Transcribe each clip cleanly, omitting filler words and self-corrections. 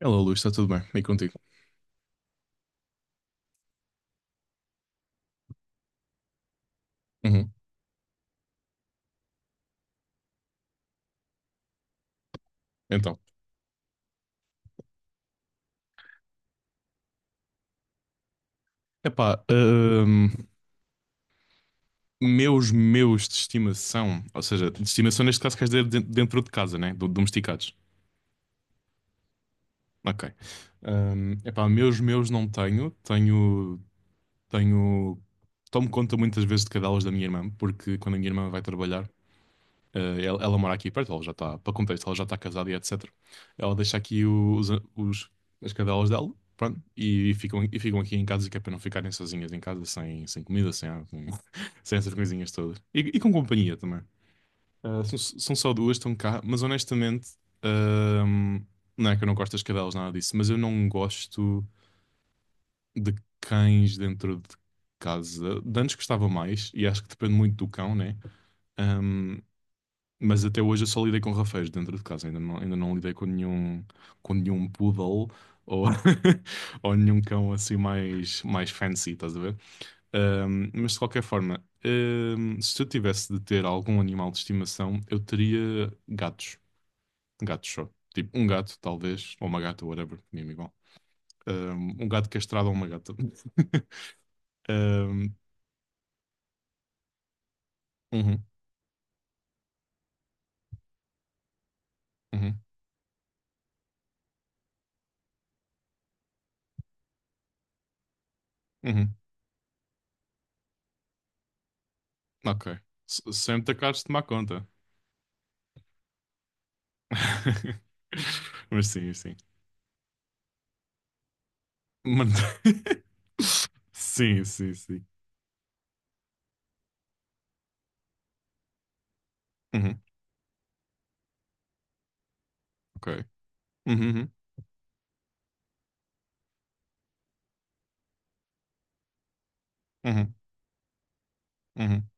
Hello, Luís, está tudo bem? E contigo? Uhum. Então, epá, meus de estimação, ou seja, de estimação neste caso queres dizer dentro de casa, né? Domesticados. Ok. Epá, meus não tenho, tomo conta muitas vezes de cadelas da minha irmã, porque quando a minha irmã vai trabalhar. Ela mora aqui perto, ela já está, para contexto, ela já está casada e etc. Ela deixa aqui os- as cadelas dela, pronto, e, ficam aqui em casa, que é para não ficarem sozinhas em casa, sem comida, sem água, sem essas coisinhas todas. E com companhia também. São só duas, estão cá, mas honestamente, ahm, não é que eu não gosto das cadelas, nada disso, mas eu não gosto de cães dentro de casa. De antes gostava mais, e acho que depende muito do cão, né? Ehm, mas até hoje eu só lidei com rafeiros dentro de casa, ainda não lidei com nenhum poodle ou, ou nenhum cão assim mais fancy, estás a ver? Mas de qualquer forma, se eu tivesse de ter algum animal de estimação, eu teria gatos, gatos só. Tipo, um gato, talvez, ou uma gata, whatever, mesmo igual. Um gato castrado ou uma gata. Ahm, uhum, uhum, uhum, ok. Sem te acabares de tomar conta. Mas sim, sim. Mano- Sim, sim, sim. Uhum, ok. Uhum, uhum, uhum, uhum,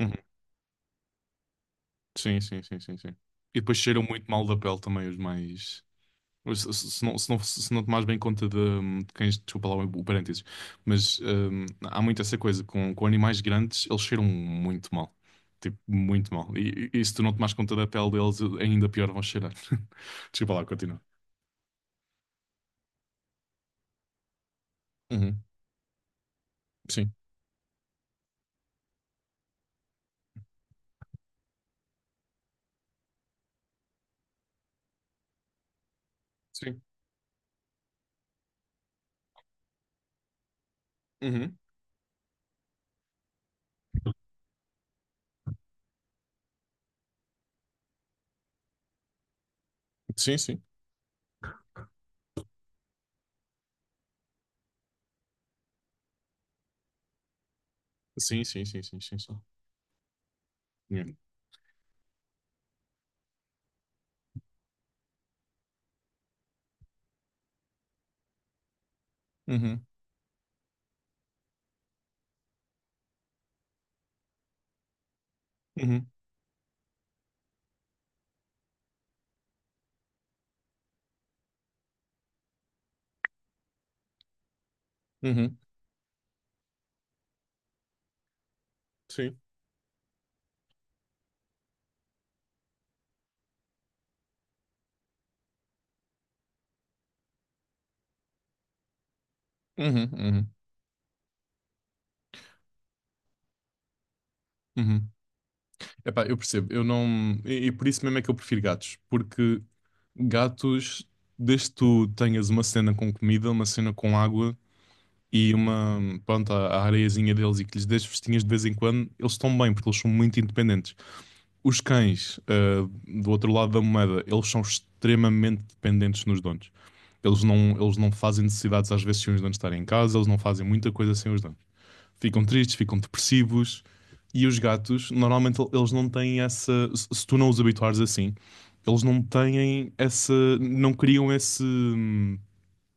uhum. Sim, sim, sim, sim, sim. E depois cheiram muito mal da pele também, os mais. Se não tomares bem conta de quem. Desculpa lá o parênteses. Mas há muito essa coisa. Com animais grandes, eles cheiram muito mal. Tipo, muito mal. E se tu não tomares conta da pele deles, ainda pior vão cheirar. Desculpa lá, continua. Uhum, sim, sim. Uhum, sim, sim. Sim, sim, sim, sim, sim, sim. Uhum, uhum, uhum. Sim. Uhum, uhum, uhum. Epá, eu percebo, eu não. E por isso mesmo é que eu prefiro gatos, porque gatos, desde que tu tenhas uma cena com comida, uma cena com água e uma, pronto, a areiazinha deles e que lhes dês festinhas de vez em quando, eles estão bem, porque eles são muito independentes. Os cães, do outro lado da moeda, eles são extremamente dependentes nos donos. Eles não fazem necessidades às vezes sem os donos estarem em casa, eles não fazem muita coisa sem os donos. Ficam tristes, ficam depressivos. E os gatos, normalmente, eles não têm essa. Se tu não os habituares assim, eles não têm essa. Não criam esse.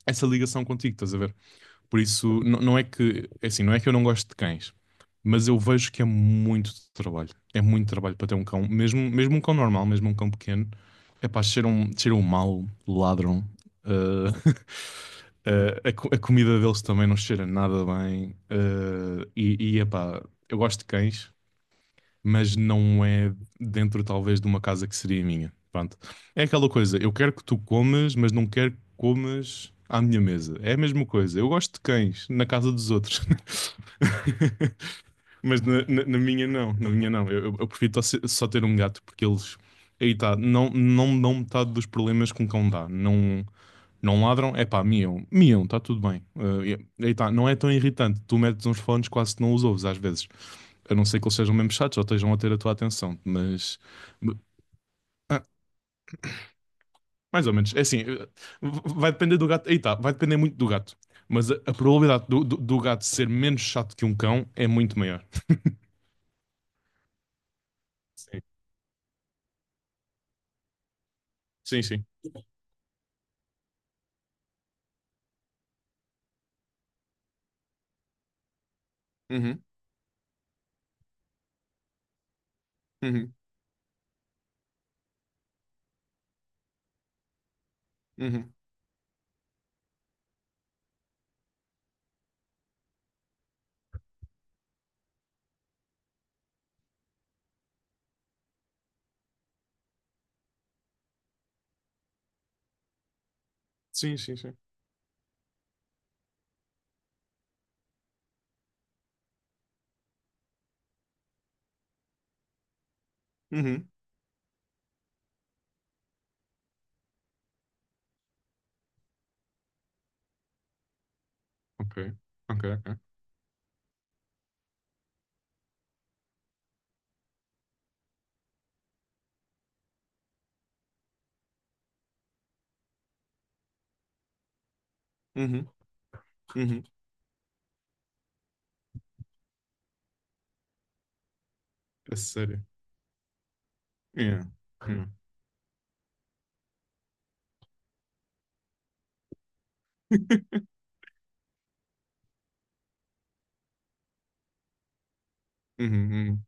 Essa ligação contigo, estás a ver? Por isso, não é que. É assim, não é que eu não gosto de cães, mas eu vejo que é muito trabalho. É muito trabalho para ter um cão. Mesmo, mesmo um cão normal, mesmo um cão pequeno, é pá, cheiram mal, ladram. ah, a comida deles também não cheira nada bem. E epá, eu gosto de cães, mas não é dentro talvez de uma casa que seria minha. Pronto. É aquela coisa, eu quero que tu comas, mas não quero que comas à minha mesa. É a mesma coisa. Eu gosto de cães na casa dos outros. Mas na minha não, na minha não. Eu, eu prefiro só ter um gato porque eles. Aí tá, não me dão metade dos problemas que um cão dá. Não, não ladram, é pá, miam, miam, está tudo bem. Aí tá, não é tão irritante. Tu metes uns fones, quase que não os ouves às vezes. A não ser que eles sejam mesmo chatos ou estejam a ter a tua atenção, mas mais ou menos, é assim, vai depender do gato, aí tá, vai depender muito do gato, mas a probabilidade do gato ser menos chato que um cão é muito maior. Sim, sim, sim. Uhum, uhum, uhum. Sim, sim, sim. Uhum. Ok, ok, ok. Uhum, uhum. É sério. Yeah. Yeah. Uhum, uhum.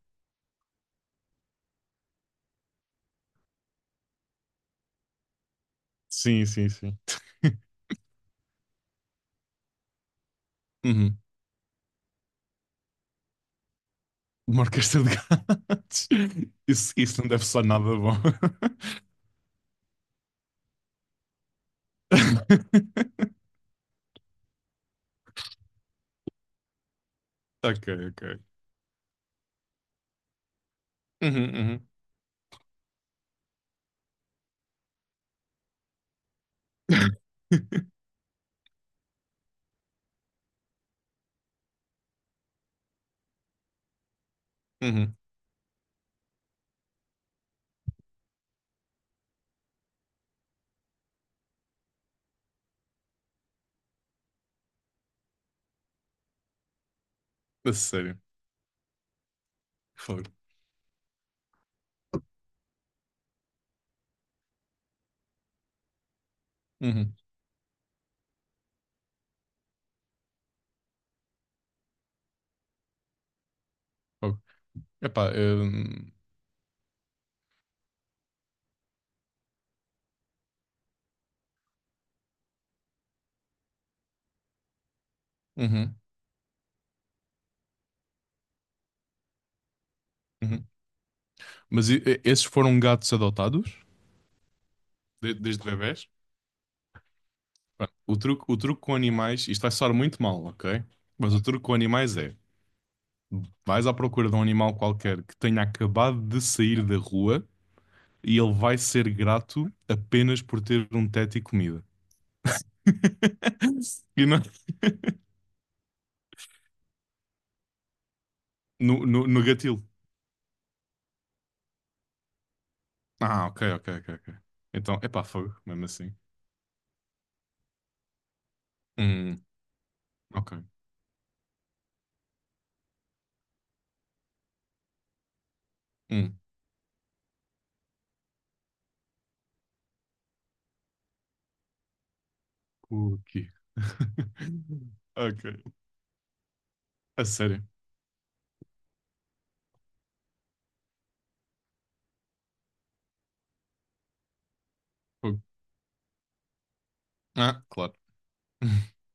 Sim, sim, sim. Uhum. Uma orquestra de gatos. Isso não deve soar nada bom. Ok, ok. Uhum, uhum. Uhum. A sério. Fogo. Uhum. Fogo. Epá, uhum, uhum. Mas esses foram gatos adotados desde bebés? Bem, o truque, o truque com animais, isto vai soar muito mal, ok? Mas o truque com animais é: vais à procura de um animal qualquer que tenha acabado de sair da rua e ele vai ser grato apenas por ter um teto e comida. E no, no gatilho. Ah, ok, ok, ok, ok. Então, é pá, fogo, mesmo assim. Hum, ok. Hum, o Ok. A sério. Fogo. Ah, claro.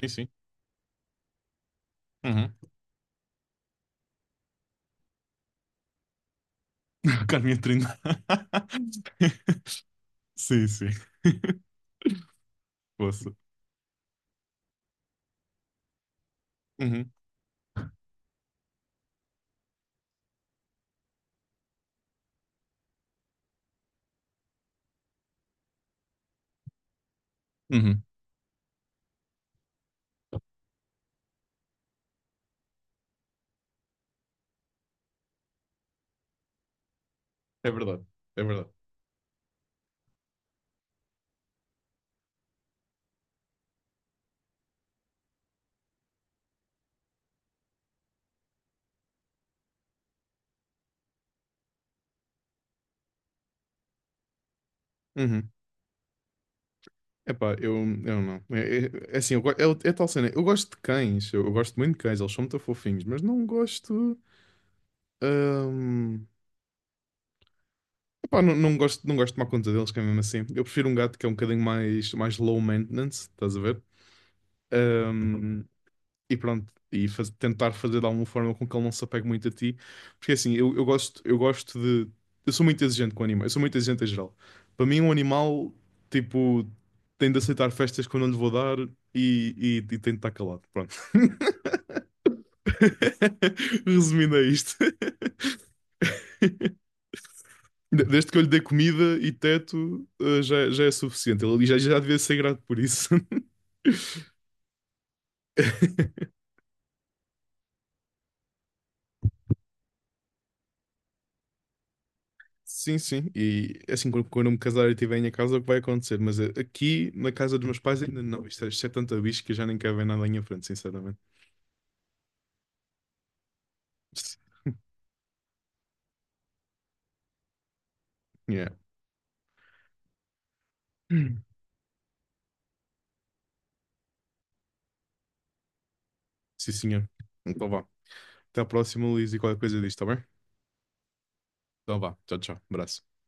Sim, sim. Uhum. Carne a trinta. Sim, sim. Posso. Uhum. Uhum. É verdade. É verdade. Uhum. Epá, eu não. É assim, é tal cena. Eu gosto de cães, eu gosto muito de cães, eles são muito fofinhos, mas não gosto. hum, epá, não gosto de tomar conta deles, que é mesmo assim. Eu prefiro um gato que é um bocadinho mais low maintenance, estás a ver? Uhum. E pronto, e tentar fazer de alguma forma com que ele não se apegue muito a ti. Porque assim, eu gosto de. Eu sou muito exigente com animais, eu sou muito exigente em geral. Para mim, um animal, tipo, tem de aceitar festas que eu não lhe vou dar e, e tem de estar calado. Pronto. Resumindo a isto. Desde que eu lhe dei comida e teto, já é suficiente. Ele já devia ser grato por isso. Sim, sim. E assim, quando eu me casar e tiver em minha casa, é o que vai acontecer? Mas aqui na casa dos meus pais ainda não. Isto é tanta bicho que eu já nem quero ver nada em frente, sinceramente. Yeah. Sim, senhor. Então vá. Até à próxima, Luís, e qualquer coisa disto, tá bem? Então vá. Tchau, tchau. Abraço.